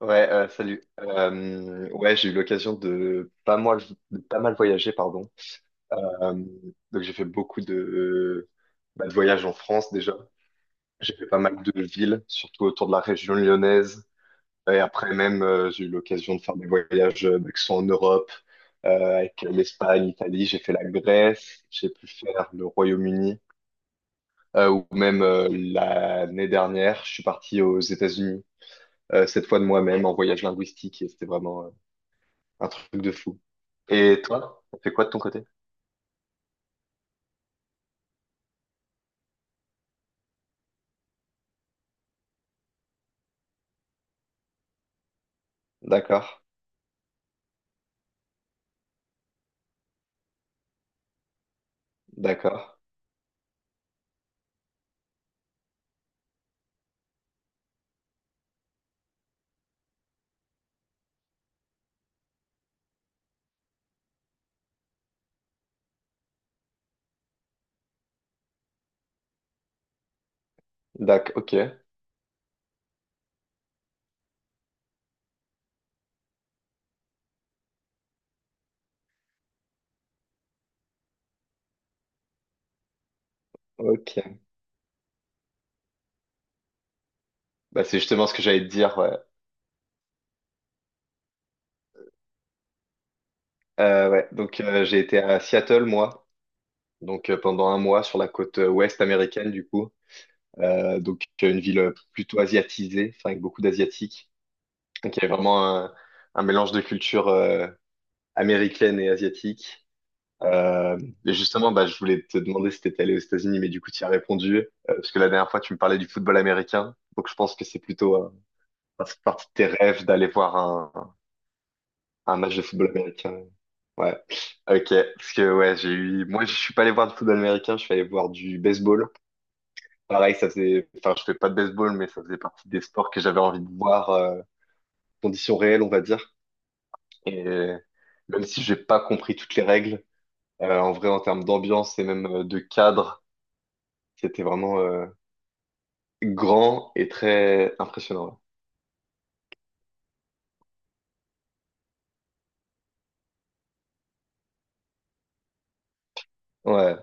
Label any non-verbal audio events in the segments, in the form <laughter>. Ouais, salut. Ouais, j'ai eu l'occasion de pas mal voyager, pardon. Euh, donc j'ai fait beaucoup de, bah, de voyages en France déjà. J'ai fait pas mal de villes, surtout autour de la région lyonnaise. Et après même, j'ai eu l'occasion de faire des voyages qui sont en Europe, avec l'Espagne, l'Italie. J'ai fait la Grèce, j'ai pu faire le Royaume-Uni, ou même l'année dernière, je suis parti aux États-Unis, cette fois de moi-même en voyage linguistique. Et c'était vraiment un truc de fou. Et toi, t'as fait quoi de ton côté? D'accord, d'accord, d'accord, ok, ok. Bah, c'est justement ce que j'allais te dire, ouais. Ouais. Donc, j'ai été à Seattle, moi, donc pendant un mois sur la côte ouest américaine, du coup. Donc, une ville plutôt asiatisée, enfin, avec beaucoup d'asiatiques. Donc, il y avait vraiment un mélange de culture américaine et asiatique. Euh, et justement, bah, je voulais te demander si tu étais allé aux États-Unis, mais du coup, tu y as répondu, parce que la dernière fois, tu me parlais du football américain. Donc, je pense que c'est plutôt ça fait partie de tes rêves d'aller voir un match de football américain. Ouais, ok. Parce que, ouais, j'ai eu. Moi, je suis pas allé voir du football américain, je suis allé voir du baseball. Pareil, ça faisait. Enfin, je fais pas de baseball, mais ça faisait partie des sports que j'avais envie de voir, conditions réelles, on va dire. Et même si j'ai pas compris toutes les règles, en vrai, en termes d'ambiance et même de cadre. C'était vraiment grand et très impressionnant. Ouais, ouais,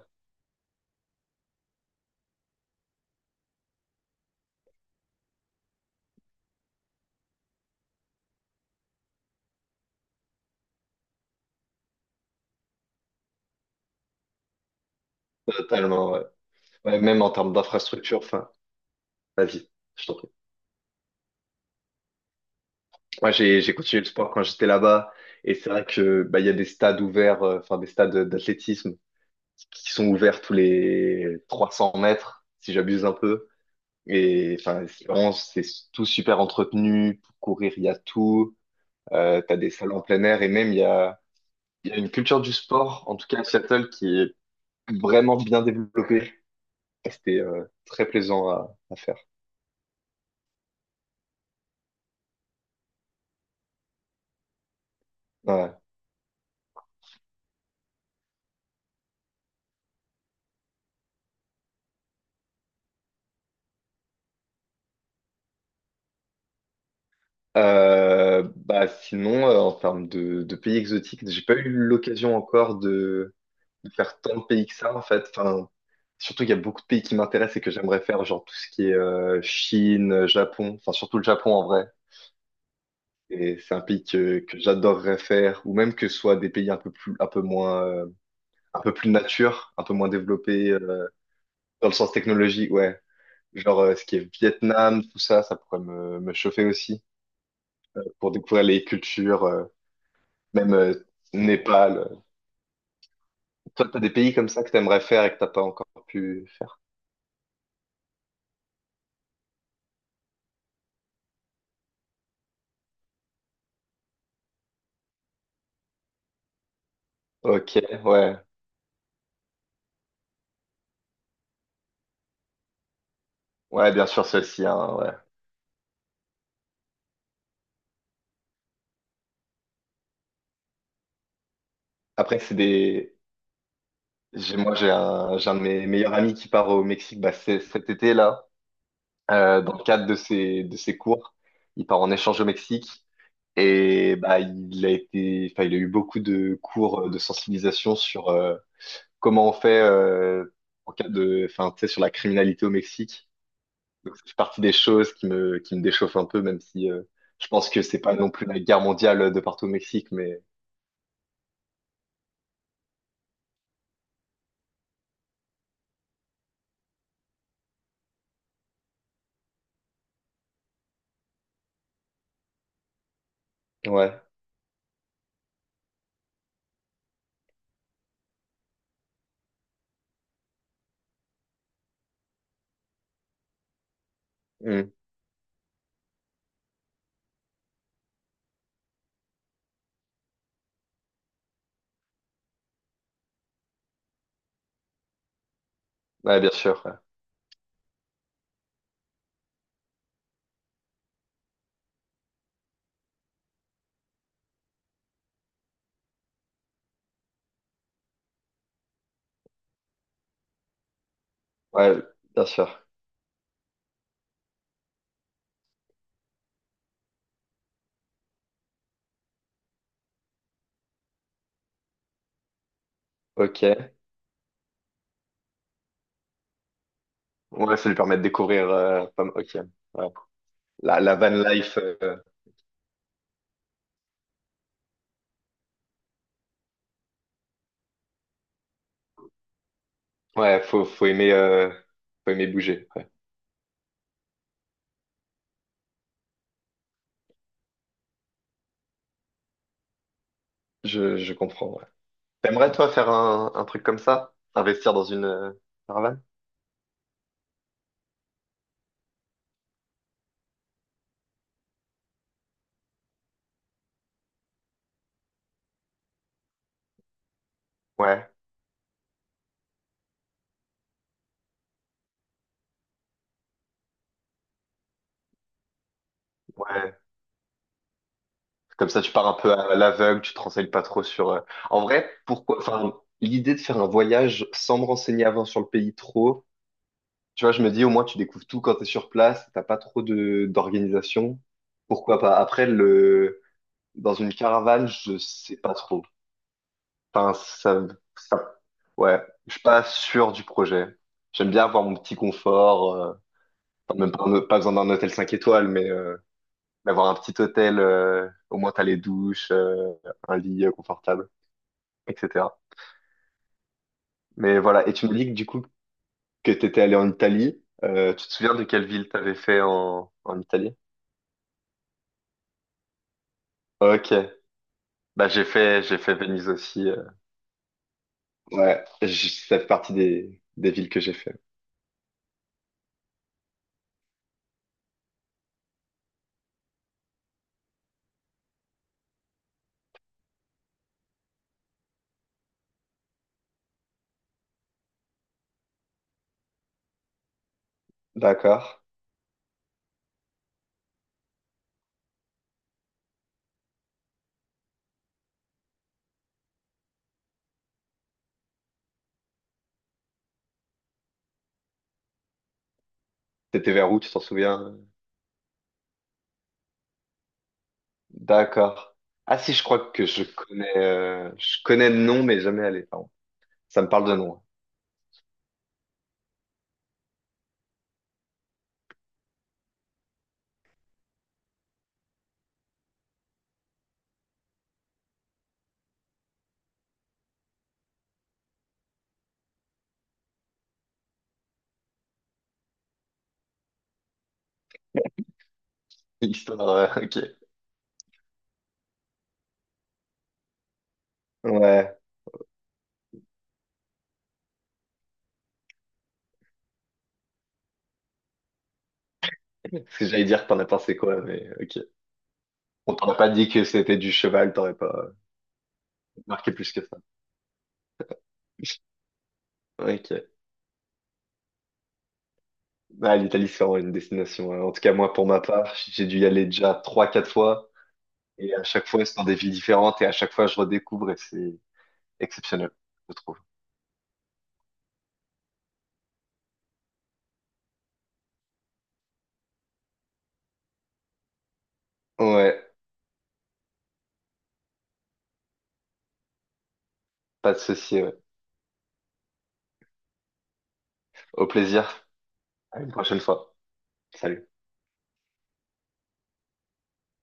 totalement. Ouais. Ouais, même en termes d'infrastructure, enfin, vas-y, je t'en prie. Moi, j'ai continué le sport quand j'étais là-bas, et c'est vrai que bah, il y a des stades ouverts, enfin des stades d'athlétisme qui sont ouverts tous les 300 mètres, si j'abuse un peu. Et enfin, c'est tout super entretenu. Pour courir, il y a tout. T'as des salles en plein air, et même il y a une culture du sport, en tout cas à Seattle, qui est vraiment bien développée. C'était très plaisant à faire. Ouais. Bah sinon, en termes de pays exotiques, j'ai pas eu l'occasion encore de faire tant de pays que ça en fait. Enfin, surtout qu'il y a beaucoup de pays qui m'intéressent et que j'aimerais faire, genre tout ce qui est Chine, Japon, enfin surtout le Japon en vrai. Et c'est un pays que j'adorerais faire, ou même que ce soit des pays un peu plus nature, un peu moins développés dans le sens technologie, ouais. Genre, ce qui est Vietnam, tout ça, ça pourrait me chauffer aussi pour découvrir les cultures, même Népal. Toi, t'as des pays comme ça que t'aimerais faire et que t'as pas encore pu faire. Ok, ouais. Ouais, bien sûr, celle-ci, hein, ouais. Après, moi, j'ai un de mes meilleurs amis qui part au Mexique bah, cet été, là, dans le cadre de ses cours. Il part en échange au Mexique et bah, enfin, il a eu beaucoup de cours de sensibilisation sur, comment on fait en cas de, enfin, tu sais, sur la criminalité au Mexique. Donc, c'est partie des choses qui me déchauffent un peu, même si je pense que c'est pas non plus la guerre mondiale de partout au Mexique, mais ouais. Hmm. Ouais, bien sûr, ouais, ouais, bien sûr, ok. Ouais, ça lui permet de découvrir, pas m- ok, ouais. La van life, ouais, faut aimer bouger, ouais. Je comprends, ouais. T'aimerais, toi, faire un truc comme ça? Investir dans une caravane? Ouais, ouais. Comme ça, tu pars un peu à l'aveugle, tu te renseignes pas trop sur. En vrai, pourquoi? Enfin, l'idée de faire un voyage sans me renseigner avant sur le pays trop, tu vois, je me dis au moins tu découvres tout quand t'es sur place, t'as pas trop de d'organisation. Pourquoi pas? Après, le dans une caravane, je sais pas trop. Enfin, ça, ouais, je suis pas sûr du projet. J'aime bien avoir mon petit confort, enfin, même pas, pas besoin d'un hôtel 5 étoiles, mais d'avoir un petit hôtel, au moins t'as les douches, un lit confortable. etc. Mais voilà, et tu me dis que du coup que tu étais allé en Italie. Tu te souviens de quelle ville t'avais fait en Italie? Ok. Bah j'ai fait Venise aussi. Ouais, ça fait partie des villes que j'ai fait. D'accord. T'étais vers où, tu t'en souviens? D'accord. Ah si, je crois que je connais le nom, mais jamais allé. Pardon. Ça me parle de nom, hein. Histoire, <laughs> ok. Ouais. Parce que j'allais dire que t'en as pensé quoi, mais ok. On t'en a pas dit que c'était du cheval, t'aurais pas marqué plus que ça. <laughs> Ok. Ah, l'Italie, c'est vraiment une destination, hein. En tout cas, moi, pour ma part, j'ai dû y aller déjà trois, quatre fois. Et à chaque fois, c'est dans des villes différentes. Et à chaque fois, je redécouvre et c'est exceptionnel, je trouve. Ouais, pas de souci. Ouais. Au plaisir. À une prochaine fois. Salut.